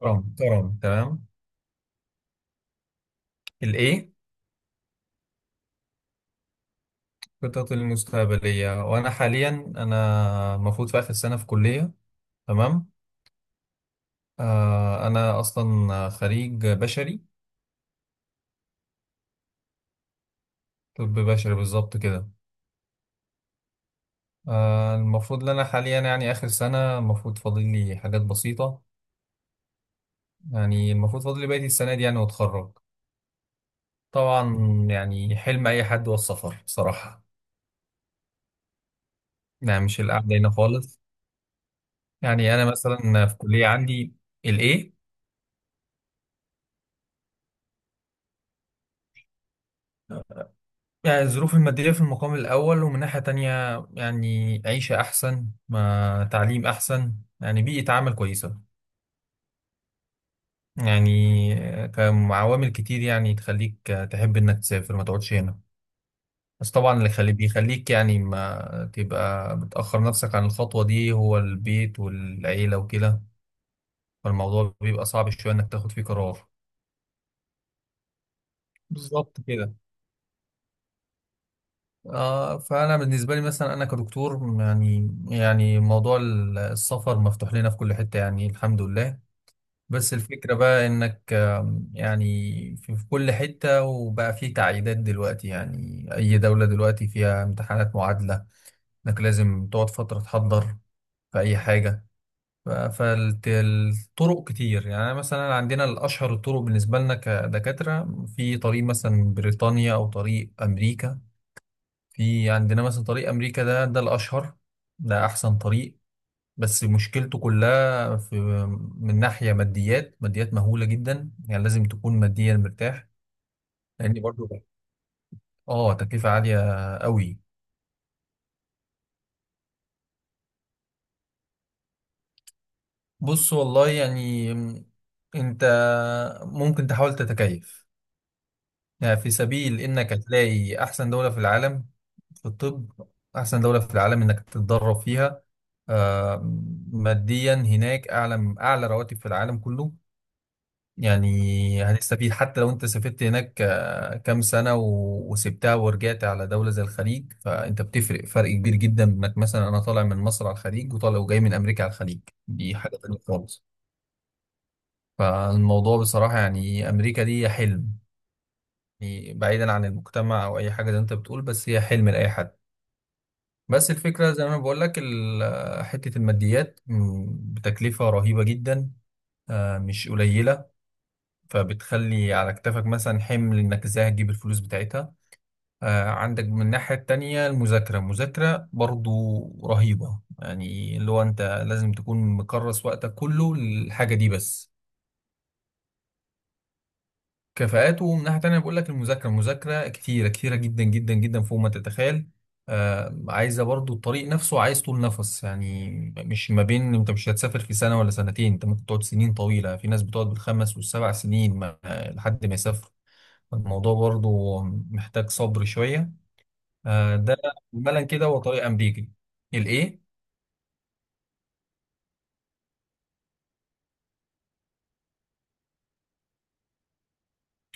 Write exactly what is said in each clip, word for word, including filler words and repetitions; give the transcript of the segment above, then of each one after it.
ترامب ترامب، تمام. الايه؟ خطط المستقبليه وانا حاليا، انا المفروض في اخر سنه في كليه. تمام. آه، انا اصلا خريج بشري. طب بشري بالظبط كده. آه، المفروض ان انا حاليا، يعني اخر سنه المفروض فاضل لي حاجات بسيطه. يعني المفروض فاضل لي بقيه السنه دي يعني واتخرج. طبعا. يعني حلم اي حد هو السفر صراحه. يعني مش القعده هنا خالص. يعني انا مثلا في كليه عندي. الايه؟ يعني الظروف المادية في المقام الأول، ومن ناحية تانية، يعني عيشة أحسن، ما تعليم أحسن، يعني بيئة عمل كويسة، يعني كعوامل كتير يعني تخليك تحب إنك تسافر ما تقعدش هنا. بس طبعا اللي خلي بيخليك يعني ما تبقى بتأخر نفسك عن الخطوة دي هو البيت والعيلة وكده. فالموضوع بيبقى صعب شوية إنك تاخد فيه قرار. بالظبط كده. آه، فأنا بالنسبة لي مثلا أنا كدكتور، يعني يعني موضوع ال- السفر مفتوح لنا في كل حتة، يعني الحمد لله. بس الفكرة بقى إنك، آم، يعني، في في كل حتة، وبقى في تعقيدات دلوقتي، يعني أي دولة دلوقتي فيها امتحانات معادلة، إنك لازم تقعد فترة تحضر في أي حاجة. فالطرق كتير، يعني أنا مثلا عندنا الأشهر الطرق بالنسبة لنا كدكاترة، في طريق مثلا بريطانيا أو طريق أمريكا. في عندنا مثلا طريق أمريكا ده ده الأشهر. ده أحسن طريق. بس مشكلته كلها في، من ناحية ماديات، ماديات مهولة جدا، يعني لازم تكون ماديا مرتاح. لأن برضو، اه، تكلفة عالية قوي. بص والله، يعني م، أنت ممكن تحاول تتكيف، يعني في سبيل إنك هتلاقي أحسن دولة في العالم في الطب، أحسن دولة في العالم إنك تتدرب فيها. آه، ماديا هناك أعلى أعلى رواتب في العالم كله. يعني هتستفيد حتى لو انت سافرت هناك آه، كام سنة و- وسبتها ورجعت على دولة زي الخليج، فانت بتفرق فرق كبير جدا. ما- مثلا انا طالع من مصر على الخليج، وطالع وجاي من امريكا على الخليج، دي حاجة تانية خالص. فالموضوع بصراحة، يعني امريكا دي حلم. يعني بعيدا عن المجتمع او اي حاجة زي ما انت بتقول، بس هي حلم لأي حد. بس الفكرة زي ما انا بقول لك، ال- آه، حتة الماديات، م، بتكلفة رهيبة جدا. آه، مش قليلة. فبتخلي على كتافك مثلا حمل انك ازاي هتجيب الفلوس بتاعتها. آه عندك من الناحية التانية، المذاكرة المذاكرة برضو رهيبة، يعني اللي هو انت لازم تكون مكرس وقتك كله للحاجة دي بس. كفاءات، ومن ناحية تانية بقول لك، المذاكرة المذاكرة كتيرة كتيرة جدا جدا جدا فوق ما تتخيل. آه عايزة برضو، الطريق نفسه عايز طول نفس، يعني مش ما بين، انت مش هتسافر في سنة ولا سنتين، انت ممكن تقعد سنين طويلة. في ناس بتقعد بالخمس والسبع سنين ما لحد ما يسافر. الموضوع برضو محتاج صبر شوية. آه، ده عملا كده هو طريق أمريكي. الإيه؟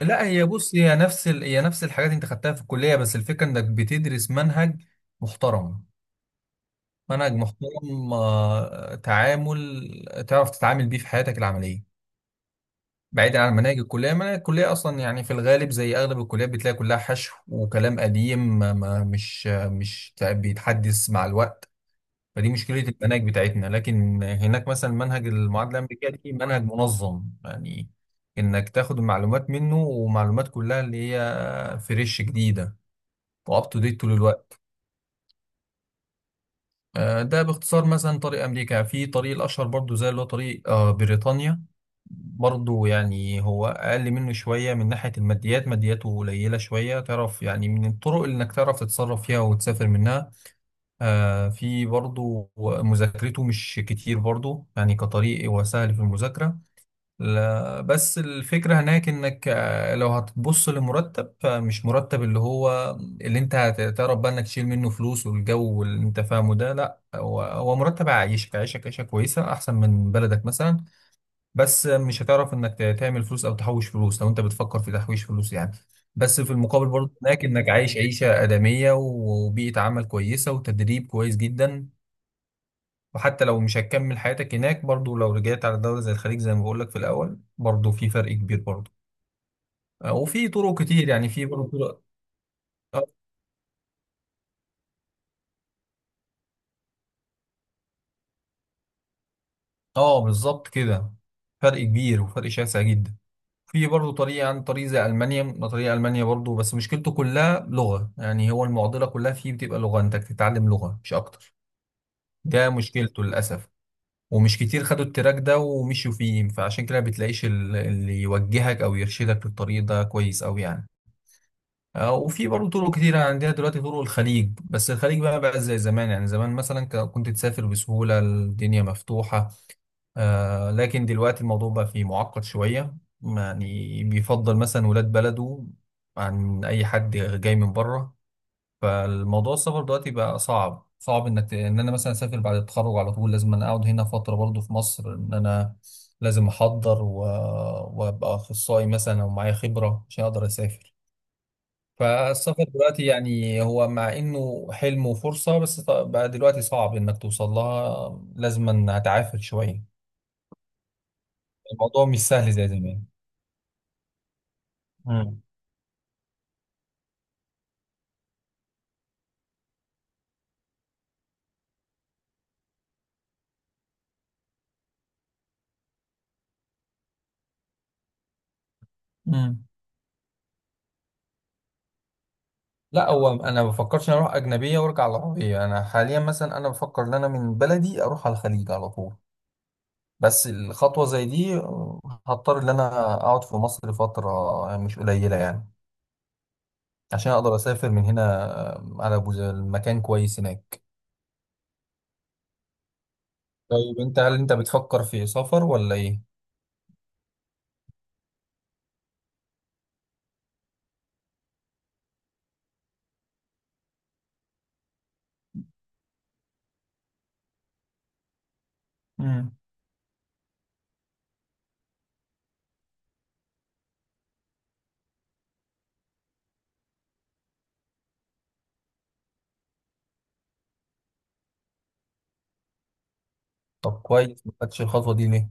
لا هي بص، هي نفس ال... هي نفس الحاجات أنت خدتها في الكلية، بس الفكرة إنك بتدرس منهج محترم. منهج محترم، آه، تعامل تعرف تتعامل بيه في حياتك العملية. بعيدا عن مناهج الكلية، مناهج الكلية أصلا يعني في الغالب زي أغلب الكليات بتلاقي كلها حشو وكلام قديم ما ما- مش مش بيتحدث مع الوقت. فدي مشكلة المناهج بتاعتنا، لكن هناك مثلا منهج المعادلة الأمريكية، دي منهج منظم، يعني إنك تاخد المعلومات منه، ومعلومات كلها اللي هي فريش جديدة وأب تو ديت طول الوقت. آه، ده باختصار. مثلا طريق أمريكا، في طريق الأشهر برضو زي اللي هو طريق آه، بريطانيا، برضو يعني هو أقل منه شوية من ناحية الماديات، مادياته قليلة شوية، تعرف يعني، من الطرق اللي إنك تعرف تتصرف فيها وتسافر منها. آه في برضه، مذاكرته مش كتير برضه، يعني كطريق هو سهل في المذاكرة. لا بس الفكرة هناك انك، آه، لو هتبص لمرتب، فمش مرتب اللي هو، اللي انت هتعرف بقى انك تشيل منه فلوس والجو اللي انت فاهمه ده، لا، هو هو مرتب عايشك عايشك عيشة كويسة احسن من بلدك مثلا. بس مش هتعرف انك ت- تعمل فلوس او تحوش فلوس، لو انت بتفكر في تحويش فلوس يعني. بس في المقابل برضه هناك انك عايش عيشة آدمية، وبيئة عمل كويسة، وتدريب كويس جدا. وحتى لو مش هتكمل حياتك هناك برضه، لو رجعت على دولة زي الخليج زي ما بقول لك في الأول، برضه في فرق كبير برضه. آه، وفي طرق كتير، يعني في برضه طرق. اه. آه، بالظبط كده. فرق كبير وفرق شاسع جدا. في برضه طريقة عن طريق زي ألمانيا، طريق ألمانيا برضه بس مشكلته كلها لغة، يعني هو المعضلة كلها فيه بتبقى لغة، أنت بتتعلم لغة مش أكتر. ده مشكلته للأسف. ومش كتير خدوا التراك ده ومشوا فيه، فعشان كده ما بتلاقيش ال- اللي يوجهك أو يرشدك للطريق ده كويس أوي يعني. آه، وفي برضه طرق كتيرة عندنا دلوقتي، طرق الخليج، بس الخليج بقى بقى زي زمان. يعني زمان مثلا ك- كنت تسافر بسهولة، الدنيا مفتوحة. آه لكن دلوقتي الموضوع بقى فيه معقد شوية. يعني بيفضل مثلا ولاد بلده عن أي حد جاي من بره. فالموضوع السفر دلوقتي بقى صعب صعب، إنك إن أنا مثلا أسافر بعد التخرج على طول، لازم أنا أقعد هنا فترة برضه في مصر، إن أنا لازم أحضر و... وأبقى أخصائي مثلا، أو معايا خبرة عشان أقدر أسافر. فالسفر دلوقتي يعني هو مع إنه حلم وفرصة، بس ط- بقى دلوقتي صعب إنك توصل لها، لازم هتعافر شوية. الموضوع مش سهل زي زمان. امم، امم. لا هو انا ما بفكرش إن اروح اجنبيه وارجع العربيه، انا حاليا مثلا انا بفكر ان انا من بلدي اروح على الخليج على طول. بس الخطوه زي دي، آه، هضطر ان انا اقعد في مصر فتره مش قليله يعني، عشان اقدر اسافر من هنا. آه، على ابو زيد مكان كويس هناك. طيب، انت هل انت بتفكر في سفر ولا ايه؟ امم. طب كويس، ما خدتش الخطوه دي ليه؟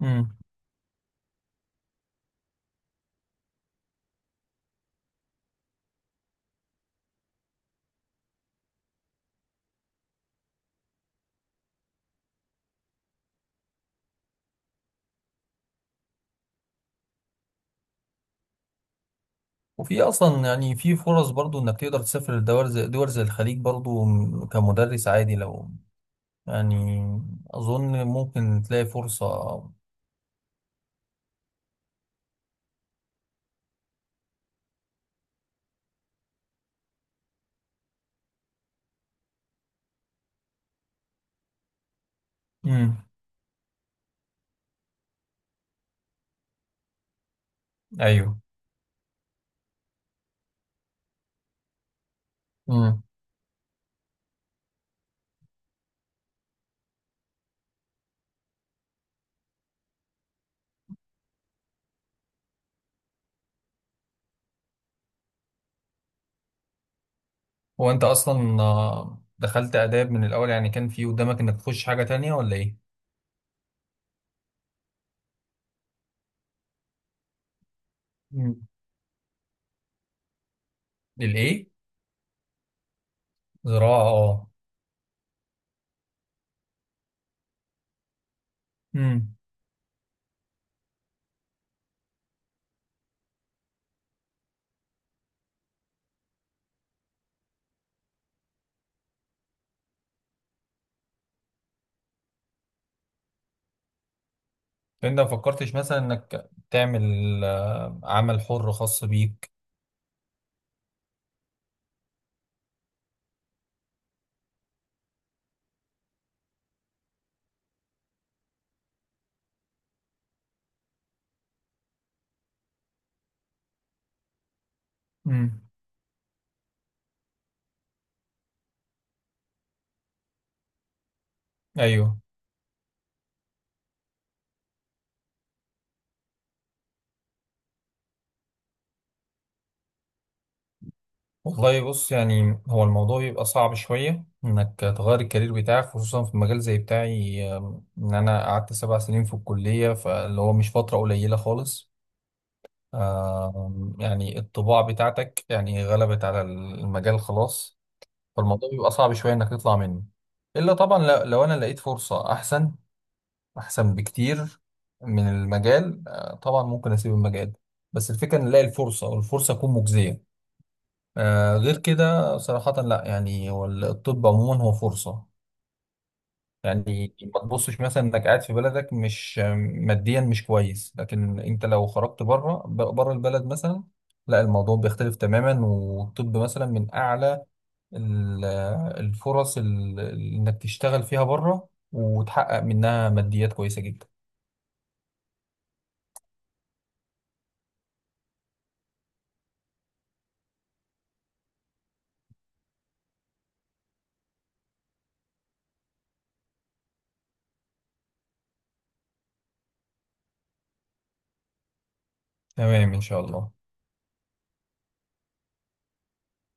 امم. وفي اصلا، يعني في فرص برضو انك تقدر تسافر لدول زي دول زي الخليج برضو، م- كمدرس عادي لو، يعني، اظن ممكن تلاقي فرصة. امم. ايوه. امم. هو انت اصلا، آه، دخلت آداب من الاول، يعني كان في قدامك انك تخش حاجة تانية ولا ايه؟ مم. للايه؟ زراعة، اه. امم. فانت ما فكرتش مثلا انك تعمل آه، عمل حر خاص بيك. مم. ايوه. والله بص، يعني هو الموضوع بيبقى صعب شوية إنك تغير الكارير بتاعك، خصوصا في مجال زي بتاعي، آم، إن أنا قعدت سبع سنين في الكلية، فاللي هو مش فترة قليلة خالص. آم، يعني الطباع بتاعتك يعني غلبت على المجال خلاص. فالموضوع بيبقى صعب شوية إنك تطلع منه، إلا طبعا لو لو أنا لقيت فرصة أحسن، أحسن بكتير من المجال، آه، طبعا ممكن أسيب المجال، بس الفكرة إن ألاقي الفرصة والفرصة تكون مجزية. آه غير كده صراحة لا، يعني هو الطب عموما هو فرصة. يعني ما تبصش مثلا انك قاعد في بلدك، مش ماديا مش كويس، لكن انت لو خرجت بره بره البلد مثلا، لا الموضوع بيختلف تماما. والطب مثلا من اعلى ال- الفرص، ال- انك تشتغل فيها بره وتحقق منها ماديات كويسة جدا. تمام ان شاء الله.